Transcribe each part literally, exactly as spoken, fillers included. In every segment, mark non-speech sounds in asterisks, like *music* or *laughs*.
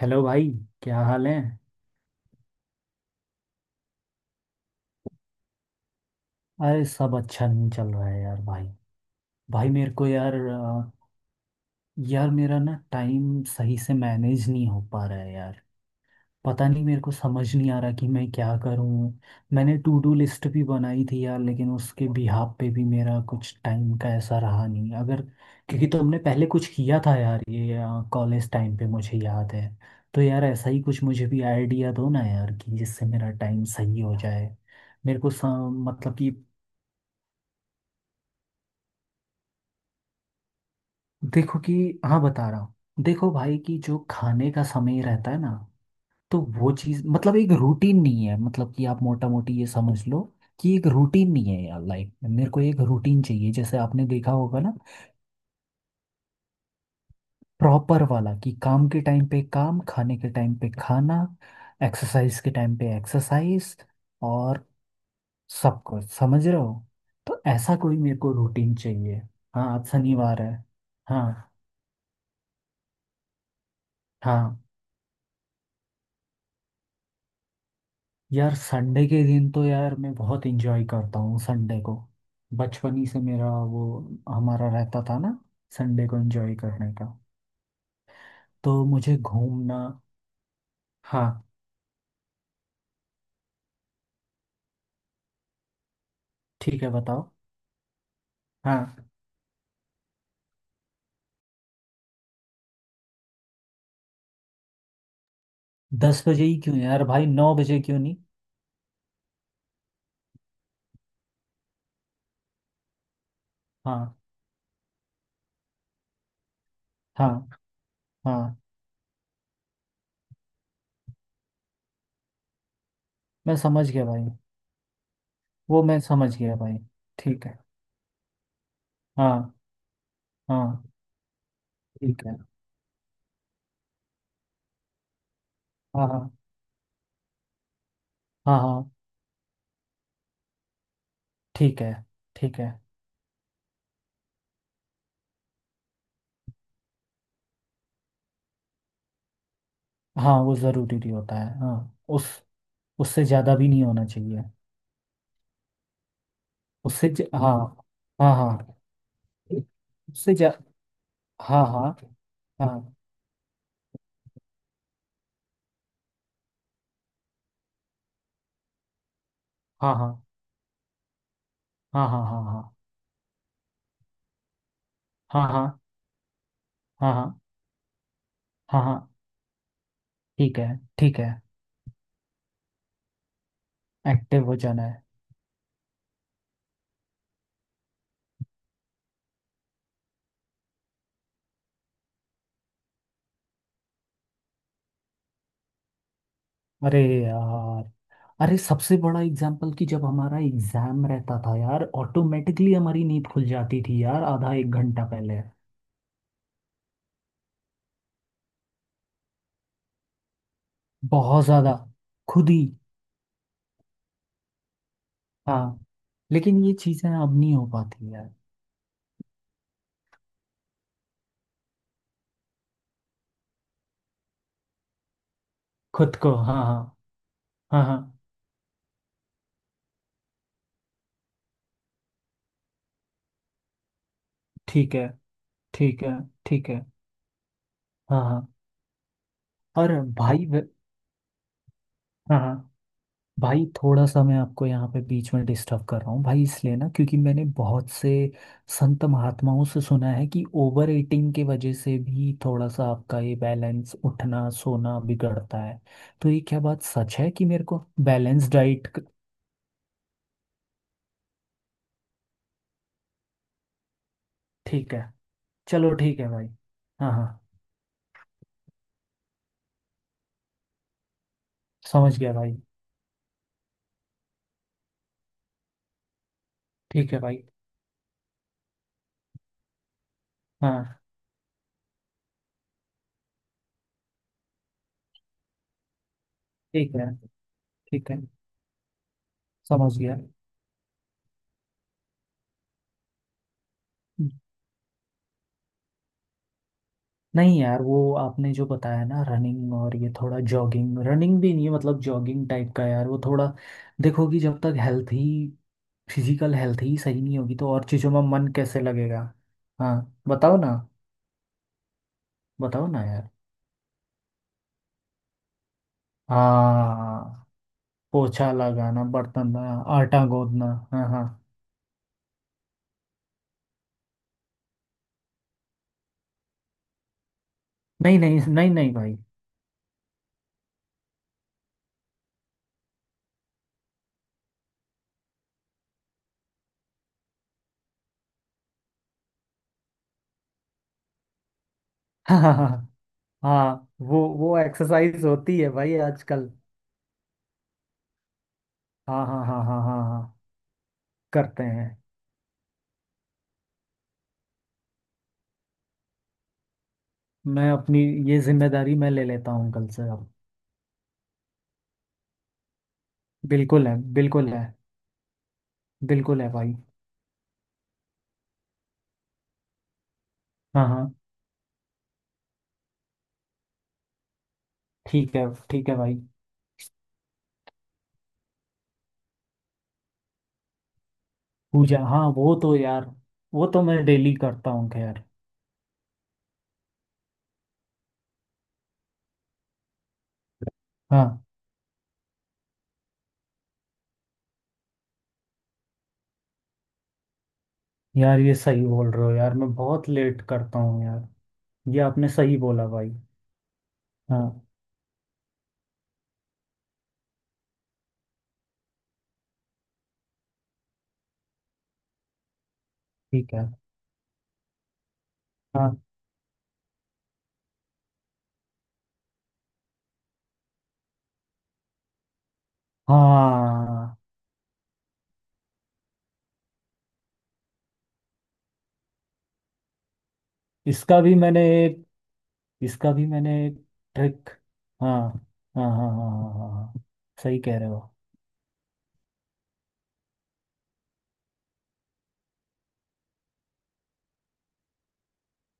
Hello भाई। क्या हाल है? अरे, सब अच्छा नहीं चल रहा है यार भाई। भाई मेरे को यार अ, यार मेरा ना टाइम सही से मैनेज नहीं हो पा रहा है यार। पता नहीं मेरे को समझ नहीं आ रहा कि मैं क्या करूं। मैंने टू डू लिस्ट भी बनाई थी यार, लेकिन उसके बिहाफ पे भी मेरा कुछ टाइम का ऐसा रहा नहीं। अगर क्योंकि तुमने पहले कुछ किया था यार ये कॉलेज टाइम पे मुझे याद है। तो यार ऐसा ही कुछ मुझे भी आइडिया दो ना यार, कि जिससे मेरा टाइम सही हो जाए। मेरे को सा- मतलब कि देखो कि हाँ, बता रहा हूँ। देखो भाई कि जो खाने का समय रहता है ना, तो वो चीज़ मतलब एक रूटीन नहीं है। मतलब कि आप मोटा मोटी ये समझ लो कि एक रूटीन नहीं है यार। लाइफ में मेरे को एक रूटीन चाहिए, जैसे आपने देखा होगा ना प्रॉपर वाला कि काम के टाइम पे काम, खाने के टाइम पे खाना, एक्सरसाइज के टाइम पे एक्सरसाइज, और सब कुछ समझ रहे हो। तो ऐसा कोई मेरे को रूटीन चाहिए। हाँ आज शनिवार है। हाँ। हाँ, यार संडे के दिन तो यार मैं बहुत एंजॉय करता हूँ संडे को, बचपन ही से मेरा वो हमारा रहता था ना संडे को एंजॉय करने का। तो मुझे घूमना। हाँ, ठीक है, बताओ। हाँ। दस बजे ही क्यों यार भाई? नौ बजे क्यों नहीं? हाँ हाँ। हाँ, मैं समझ गया भाई। वो मैं समझ गया भाई। ठीक है। हाँ हाँ। ठीक है। हाँ हाँ हाँ हाँ। ठीक है। ठीक है। हाँ, वो ज़रूरी भी होता है। हाँ, उस उससे ज़्यादा भी नहीं होना चाहिए। उससे ज- हाँ। हाँ हाँ। उससे जा। हाँ हाँ हाँ हाँ हाँ हाँ हाँ। हाँ हाँ हाँ। हाँ हाँ हाँ। हाँ हाँ। ठीक है। ठीक है। एक्टिव हो जाना है। अरे यार। अरे सबसे बड़ा एग्जाम्पल कि जब हमारा एग्जाम रहता था यार, ऑटोमेटिकली हमारी नींद खुल जाती थी यार आधा एक घंटा पहले। बहुत ज्यादा। खुद ही। हाँ, लेकिन ये चीजें अब नहीं हो पाती यार। खुद को हाँ हाँ। हाँ हाँ। ठीक है। ठीक है। ठीक है। हाँ हाँ। और भाई वे- हाँ हाँ। भाई थोड़ा सा मैं आपको यहाँ पे बीच में डिस्टर्ब कर रहा हूँ भाई, इसलिए ना क्योंकि मैंने बहुत से संत महात्माओं से सुना है कि ओवर ईटिंग के वजह से भी थोड़ा सा आपका ये बैलेंस उठना सोना बिगड़ता है। तो ये क्या बात सच है कि मेरे को बैलेंस डाइट। ठीक है, चलो ठीक है भाई। हाँ हाँ। समझ गया भाई। ठीक है भाई। हाँ। ठीक है। ठीक है। समझ गया। नहीं यार, वो आपने जो बताया ना रनिंग, और ये थोड़ा जॉगिंग रनिंग भी नहीं है, मतलब जॉगिंग टाइप का यार वो थोड़ा। देखो कि जब तक हेल्थ ही फिजिकल हेल्थ ही सही नहीं होगी तो और चीज़ों में मन कैसे लगेगा। हाँ, बताओ ना। बताओ ना यार। हाँ, पोछा लगाना, बर्तन धोना, आटा गोदना। हाँ हाँ। नहीं नहीं नहीं नहीं भाई। *laughs* हाँ हाँ हाँ। हाँ, वो वो एक्सरसाइज होती है भाई आजकल। हाँ हाँ हाँ हाँ हाँ हाँ। करते हैं। मैं अपनी ये जिम्मेदारी मैं ले लेता हूँ कल से अब। बिल्कुल है, बिल्कुल है। बिल्कुल है भाई। हाँ हाँ। ठीक है। ठीक है भाई। पूजा, हाँ वो तो यार, वो तो मैं डेली करता हूँ खैर। हाँ यार, ये सही बोल रहे हो यार, मैं बहुत लेट करता हूँ यार। ये आपने सही बोला भाई। हाँ। ठीक है। हाँ हाँ। इसका भी मैंने एक इसका भी मैंने एक ट्रिक। हाँ हाँ हाँ हाँ हाँ हाँ हाँ। सही कह रहे हो।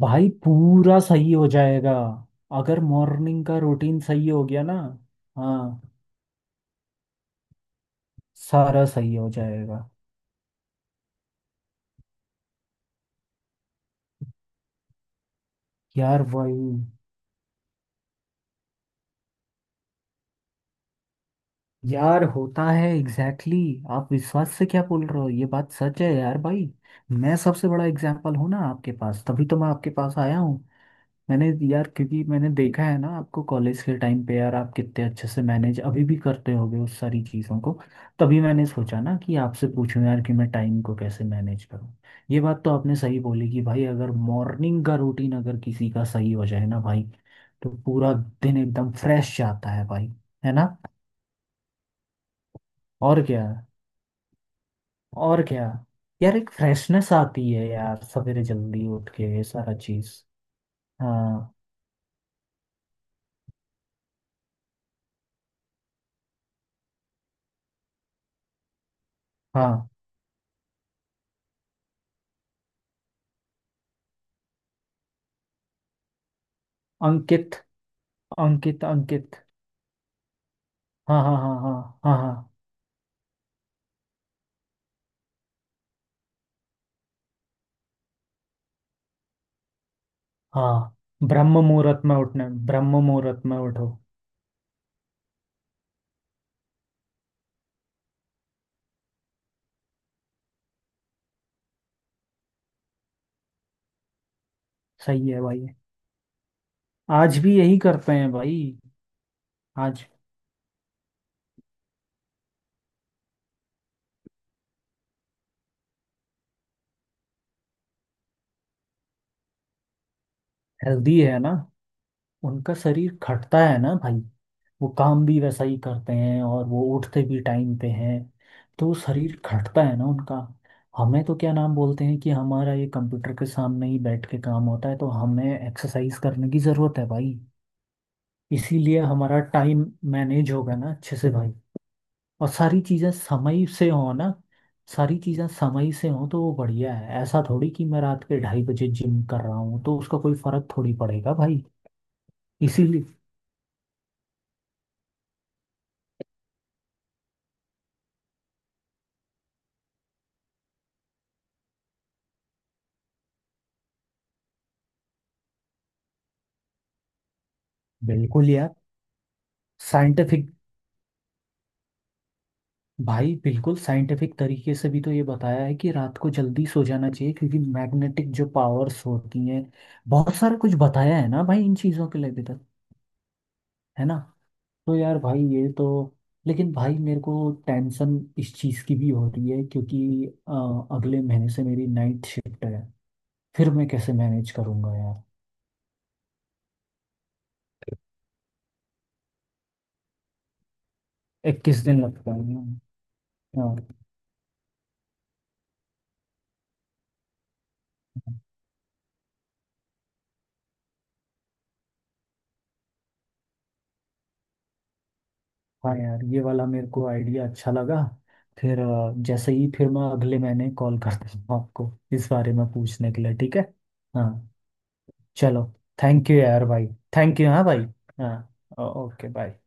भाई पूरा सही हो जाएगा अगर मॉर्निंग का रूटीन सही हो गया ना। हाँ। सारा सही हो जाएगा। यार वही। यार होता है एग्जैक्टली exactly. आप विश्वास से क्या बोल रहे हो, ये बात सच है यार भाई। मैं सबसे बड़ा एग्जाम्पल हूँ ना आपके पास, तभी तो मैं आपके पास आया हूँ। मैंने यार क्योंकि मैंने देखा है ना आपको कॉलेज के टाइम पे यार, आप कितने अच्छे से मैनेज अभी भी करते होगे उस सारी चीज़ों को। तभी मैंने सोचा ना कि आपसे पूछूं यार कि मैं टाइम को कैसे मैनेज करूं। ये बात तो आपने सही बोली कि भाई अगर मॉर्निंग का रूटीन अगर किसी का सही हो जाए ना भाई, तो पूरा दिन एकदम फ्रेश जाता है भाई। है ना। और क्या, और क्या। यार एक फ्रेशनेस आती है यार सवेरे जल्दी उठ के ये सारा चीज़। हाँ हाँ। अंकित। अंकित अंकित। हाँ हाँ हाँ हाँ हाँ हाँ। हाँ ब्रह्म मुहूर्त में उठना है, ब्रह्म मुहूर्त में उठो। सही है भाई। आज भी यही करते हैं भाई। आज हेल्दी है ना। उनका शरीर खटता है ना भाई, वो काम भी वैसा ही करते हैं और वो उठते भी टाइम पे हैं, तो शरीर खटता है ना उनका। हमें तो क्या नाम बोलते हैं कि हमारा ये कंप्यूटर के सामने ही बैठ के काम होता है, तो हमें एक्सरसाइज करने की ज़रूरत है भाई। इसीलिए हमारा टाइम मैनेज होगा ना अच्छे से भाई। और सारी चीज़ें समय से हो ना। सारी चीज़ें समय से हो तो वो बढ़िया है, ऐसा थोड़ी कि मैं रात के ढाई बजे जिम कर रहा हूँ तो उसका कोई फर्क थोड़ी पड़ेगा भाई। इसीलिए बिल्कुल यार साइंटिफिक, भाई बिल्कुल साइंटिफिक तरीके से भी तो ये बताया है कि रात को जल्दी सो जाना चाहिए क्योंकि मैग्नेटिक जो पावर्स होती हैं, बहुत सारा कुछ बताया है ना भाई इन चीज़ों के लिए भी तो। है ना। तो यार भाई ये तो, लेकिन भाई मेरे को टेंशन इस चीज़ की भी हो रही है क्योंकि अ, अगले महीने से मेरी नाइट शिफ्ट है, फिर मैं कैसे मैनेज करूँगा यार। इक्कीस दिन लगता है ना? हाँ हाँ, यार ये वाला मेरे को आइडिया अच्छा लगा। फिर अ, जैसे ही फिर मैं अगले महीने कॉल कर दूंगा आपको इस बारे में पूछने के लिए, ठीक है। हाँ। चलो। थैंक यू यार भाई। थैंक यू हाँ भाई। हाँ। Okay bye.